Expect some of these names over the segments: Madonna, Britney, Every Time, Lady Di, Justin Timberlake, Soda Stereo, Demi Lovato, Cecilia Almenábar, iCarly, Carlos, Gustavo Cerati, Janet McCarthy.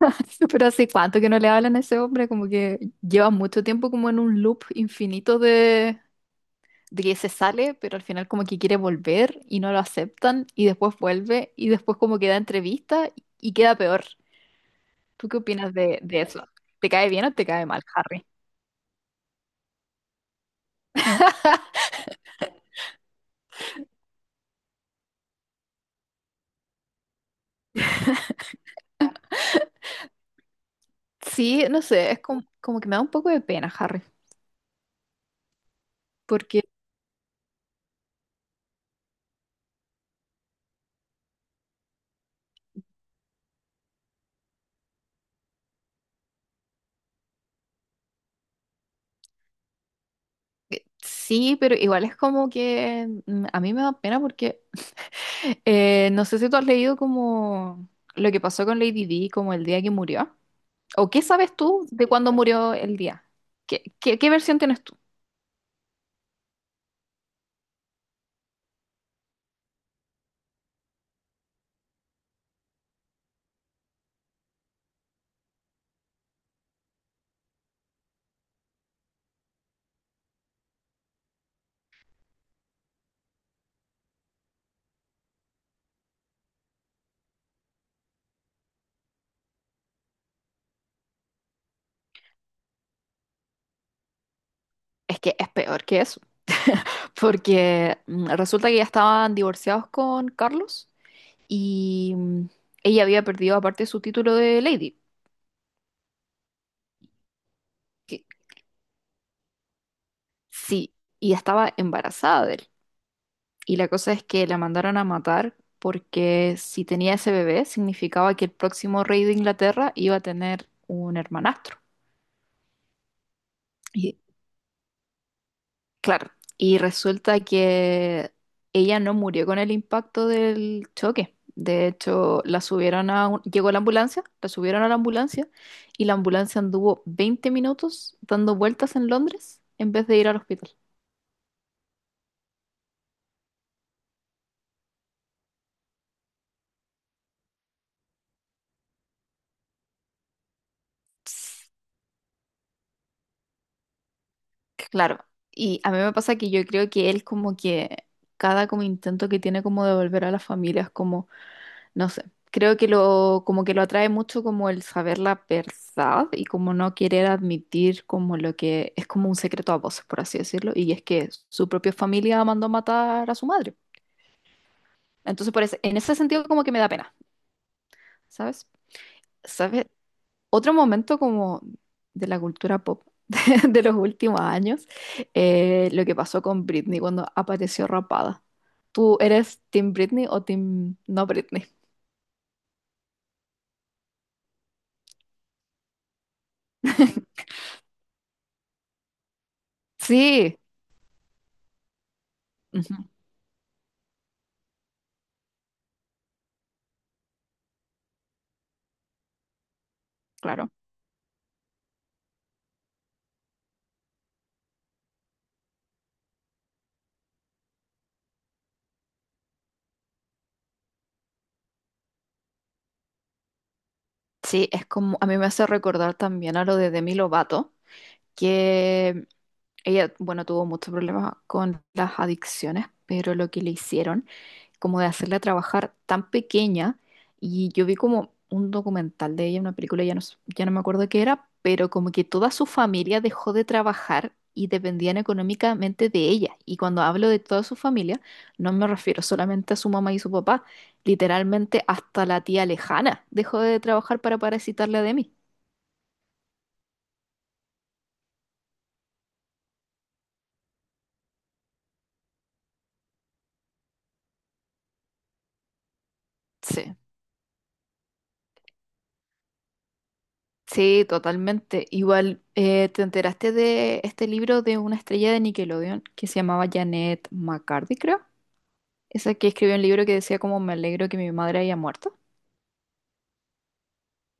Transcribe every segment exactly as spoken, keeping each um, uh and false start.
Pero hace cuánto que no le hablan a ese hombre, como que lleva mucho tiempo como en un loop infinito de, de que se sale, pero al final como que quiere volver y no lo aceptan y después vuelve y después como que da entrevista y queda peor. ¿Tú qué opinas de, de eso? ¿Te cae bien o te cae mal, Harry? Sí, no sé, es como, como que me da un poco de pena, Harry, porque sí, pero igual es como que mm, a mí me da pena porque Eh, no sé si tú has leído como lo que pasó con Lady Di, como el día que murió. ¿O qué sabes tú de cuándo murió el día? ¿Qué, qué- qué versión tienes tú? Es que es peor que eso, porque mm, resulta que ya estaban divorciados con Carlos y mm, ella había perdido aparte su título de Lady. que- sí, y estaba embarazada de él. Y la cosa es que la mandaron a matar porque si tenía ese bebé significaba que el próximo rey de Inglaterra iba a tener un hermanastro. Y claro, y resulta que ella no murió con el impacto del choque. De hecho, la subieron a un- llegó la ambulancia, la subieron a la ambulancia y la ambulancia anduvo veinte minutos dando vueltas en Londres en vez de ir al hospital. Claro, y a mí me pasa que yo creo que él como que cada como intento que tiene como de volver a la familia es como, no sé, creo que lo como que lo atrae mucho como el saber la verdad y como no querer admitir como lo que es como un secreto a voces, por así decirlo, y es que su propia familia mandó matar a su madre. Entonces, por ese- en ese sentido como que me da pena, ¿sabes? ¿Sabes? Otro momento como de la cultura pop de los últimos años, eh, lo que pasó con Britney cuando apareció rapada. ¿Tú eres Team Britney o Team no Britney? Sí, ujú, claro. Sí, es como, a mí me hace recordar también a lo de Demi Lovato, que ella, bueno, tuvo muchos problemas con las adicciones, pero lo que le hicieron como de hacerla trabajar tan pequeña. Y yo vi como un documental de ella, una película, ya no, s- ya no me acuerdo qué era, pero como que toda su familia dejó de trabajar y dependían económicamente de ella. Y cuando hablo de toda su familia, no me refiero solamente a su mamá y su papá, literalmente hasta la tía lejana dejó de trabajar para parasitarla de mí. Sí, sí, totalmente. Igual, eh, ¿te enteraste de este libro de una estrella de Nickelodeon que se llamaba Janet McCarthy, creo? Esa que escribió un libro que decía como me alegro que mi madre haya muerto.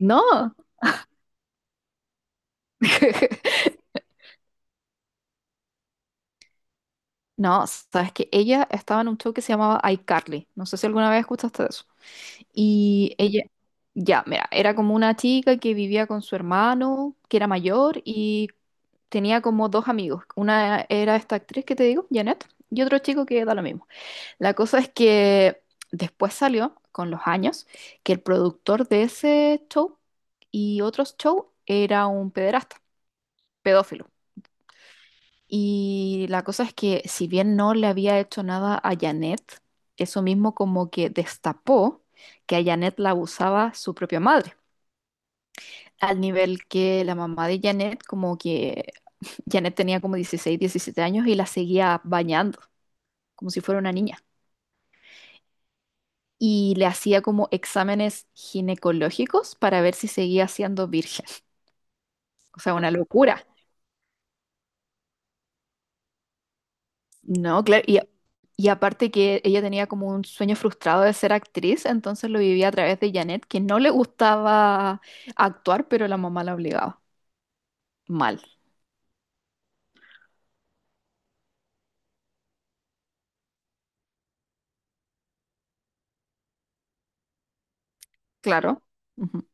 No, no, sabes que ella estaba en un show que se llamaba iCarly. No sé si alguna vez escuchaste de eso. Y ella, ya, mira, era como una chica que vivía con su hermano, que era mayor, y tenía como dos amigos. Una era esta actriz que te digo, Janet, y otro chico que da lo mismo. La cosa es que después salió, con los años, que el productor de ese show y otros shows era un pederasta, pedófilo. Y la cosa es que si bien no le había hecho nada a Janet, eso mismo como que destapó que a Janet la abusaba su propia madre. Al nivel que la mamá de Janet, como que Janet tenía como dieciséis, diecisiete años y la seguía bañando, como si fuera una niña. Y le hacía como exámenes ginecológicos para ver si seguía siendo virgen. O sea, una locura. No, claro. Y, y aparte que ella tenía como un sueño frustrado de ser actriz, entonces lo vivía a través de Janet, que no le gustaba actuar, pero la mamá la obligaba. Mal, claro. Ujú.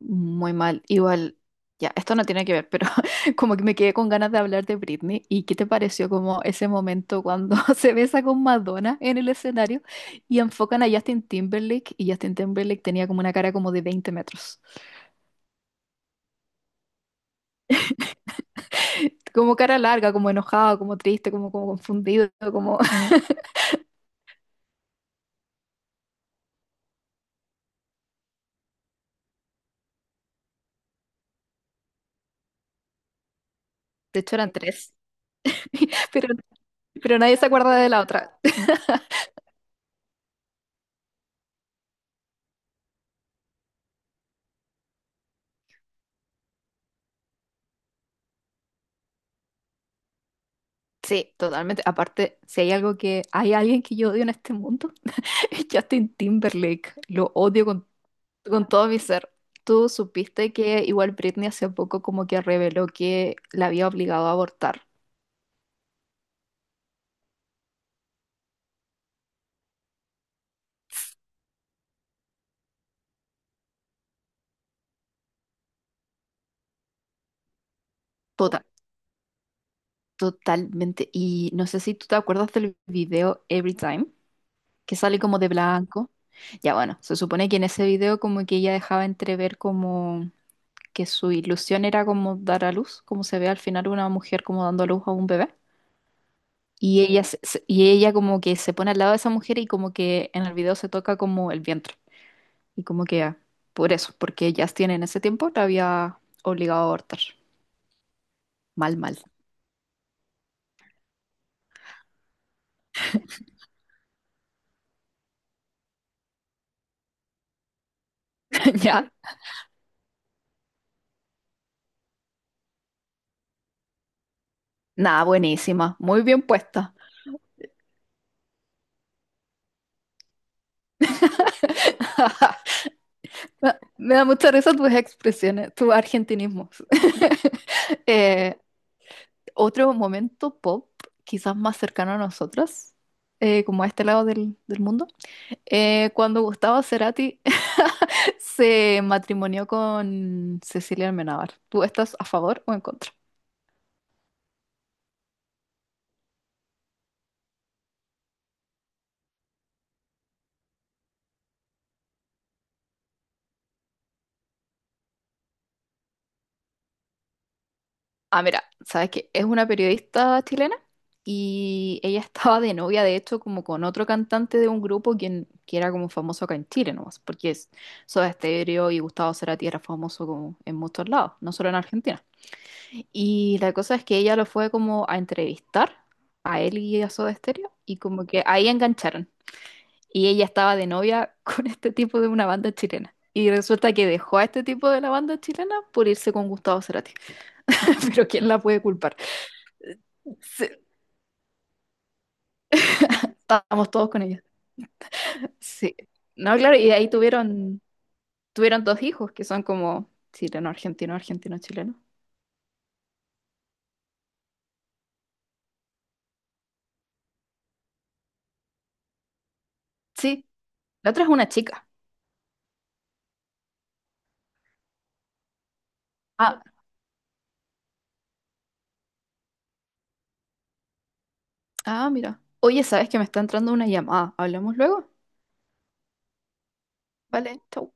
Muy mal. Igual, ya, esto no tiene que ver, pero como que me quedé con ganas de hablar de Britney. ¿Y qué te pareció como ese momento cuando se besa con Madonna en el escenario y enfocan a Justin Timberlake y Justin Timberlake tenía como una cara como de veinte metros? Como cara larga, como enojado, como triste, como, como confundido, como... De hecho eran tres, pero, pero nadie se acuerda de la otra. Sí, totalmente. Aparte, si hay algo que... Hay alguien que yo odio en este mundo, es Justin Timberlake. Lo odio con Con todo mi ser. Tú supiste que igual Britney hace poco como que reveló que la había obligado a abortar. Total, totalmente. Y no sé si tú te acuerdas del video Every Time, que sale como de blanco. Ya bueno, se supone que en ese video como que ella dejaba entrever como que su ilusión era como dar a luz, como se ve al final una mujer como dando a luz a un bebé. Y ella, se- se- y ella como que se pone al lado de esa mujer y como que en el video se toca como el vientre. Y como que ah, por eso, porque Justin en ese tiempo la había obligado a abortar. Mal, mal. ¿Ya? Nada, buenísima. Muy bien puesta. Me me da mucha risa tus expresiones, tus argentinismos. Eh, otro momento pop, quizás más cercano a nosotras, eh, como a este lado del, del mundo, eh, cuando Gustavo Cerati se matrimonió con Cecilia Almenábar. ¿Tú estás a favor o en contra? Ah, mira, sabes que es una periodista chilena y ella estaba de novia, de hecho, como con otro cantante de un grupo quien, que era como famoso acá en Chile nomás, porque es Soda Stereo y Gustavo Cerati era famoso como en muchos lados, no solo en Argentina. Y la cosa es que ella lo fue como a entrevistar a él y a Soda Stereo y como que ahí engancharon. Y ella estaba de novia con este tipo de una banda chilena. Y resulta que dejó a este tipo de la banda chilena por irse con Gustavo Cerati. Pero ¿quién la puede culpar? Sí, estábamos todos con ellos. Sí. No, claro, y de ahí tuvieron, tuvieron dos hijos que son como chileno, argentino, argentino, chileno. Sí, la otra es una chica. Ah, ah, mira. Oye, ¿sabes que me está entrando una llamada? ¿Hablamos luego? Vale, chau.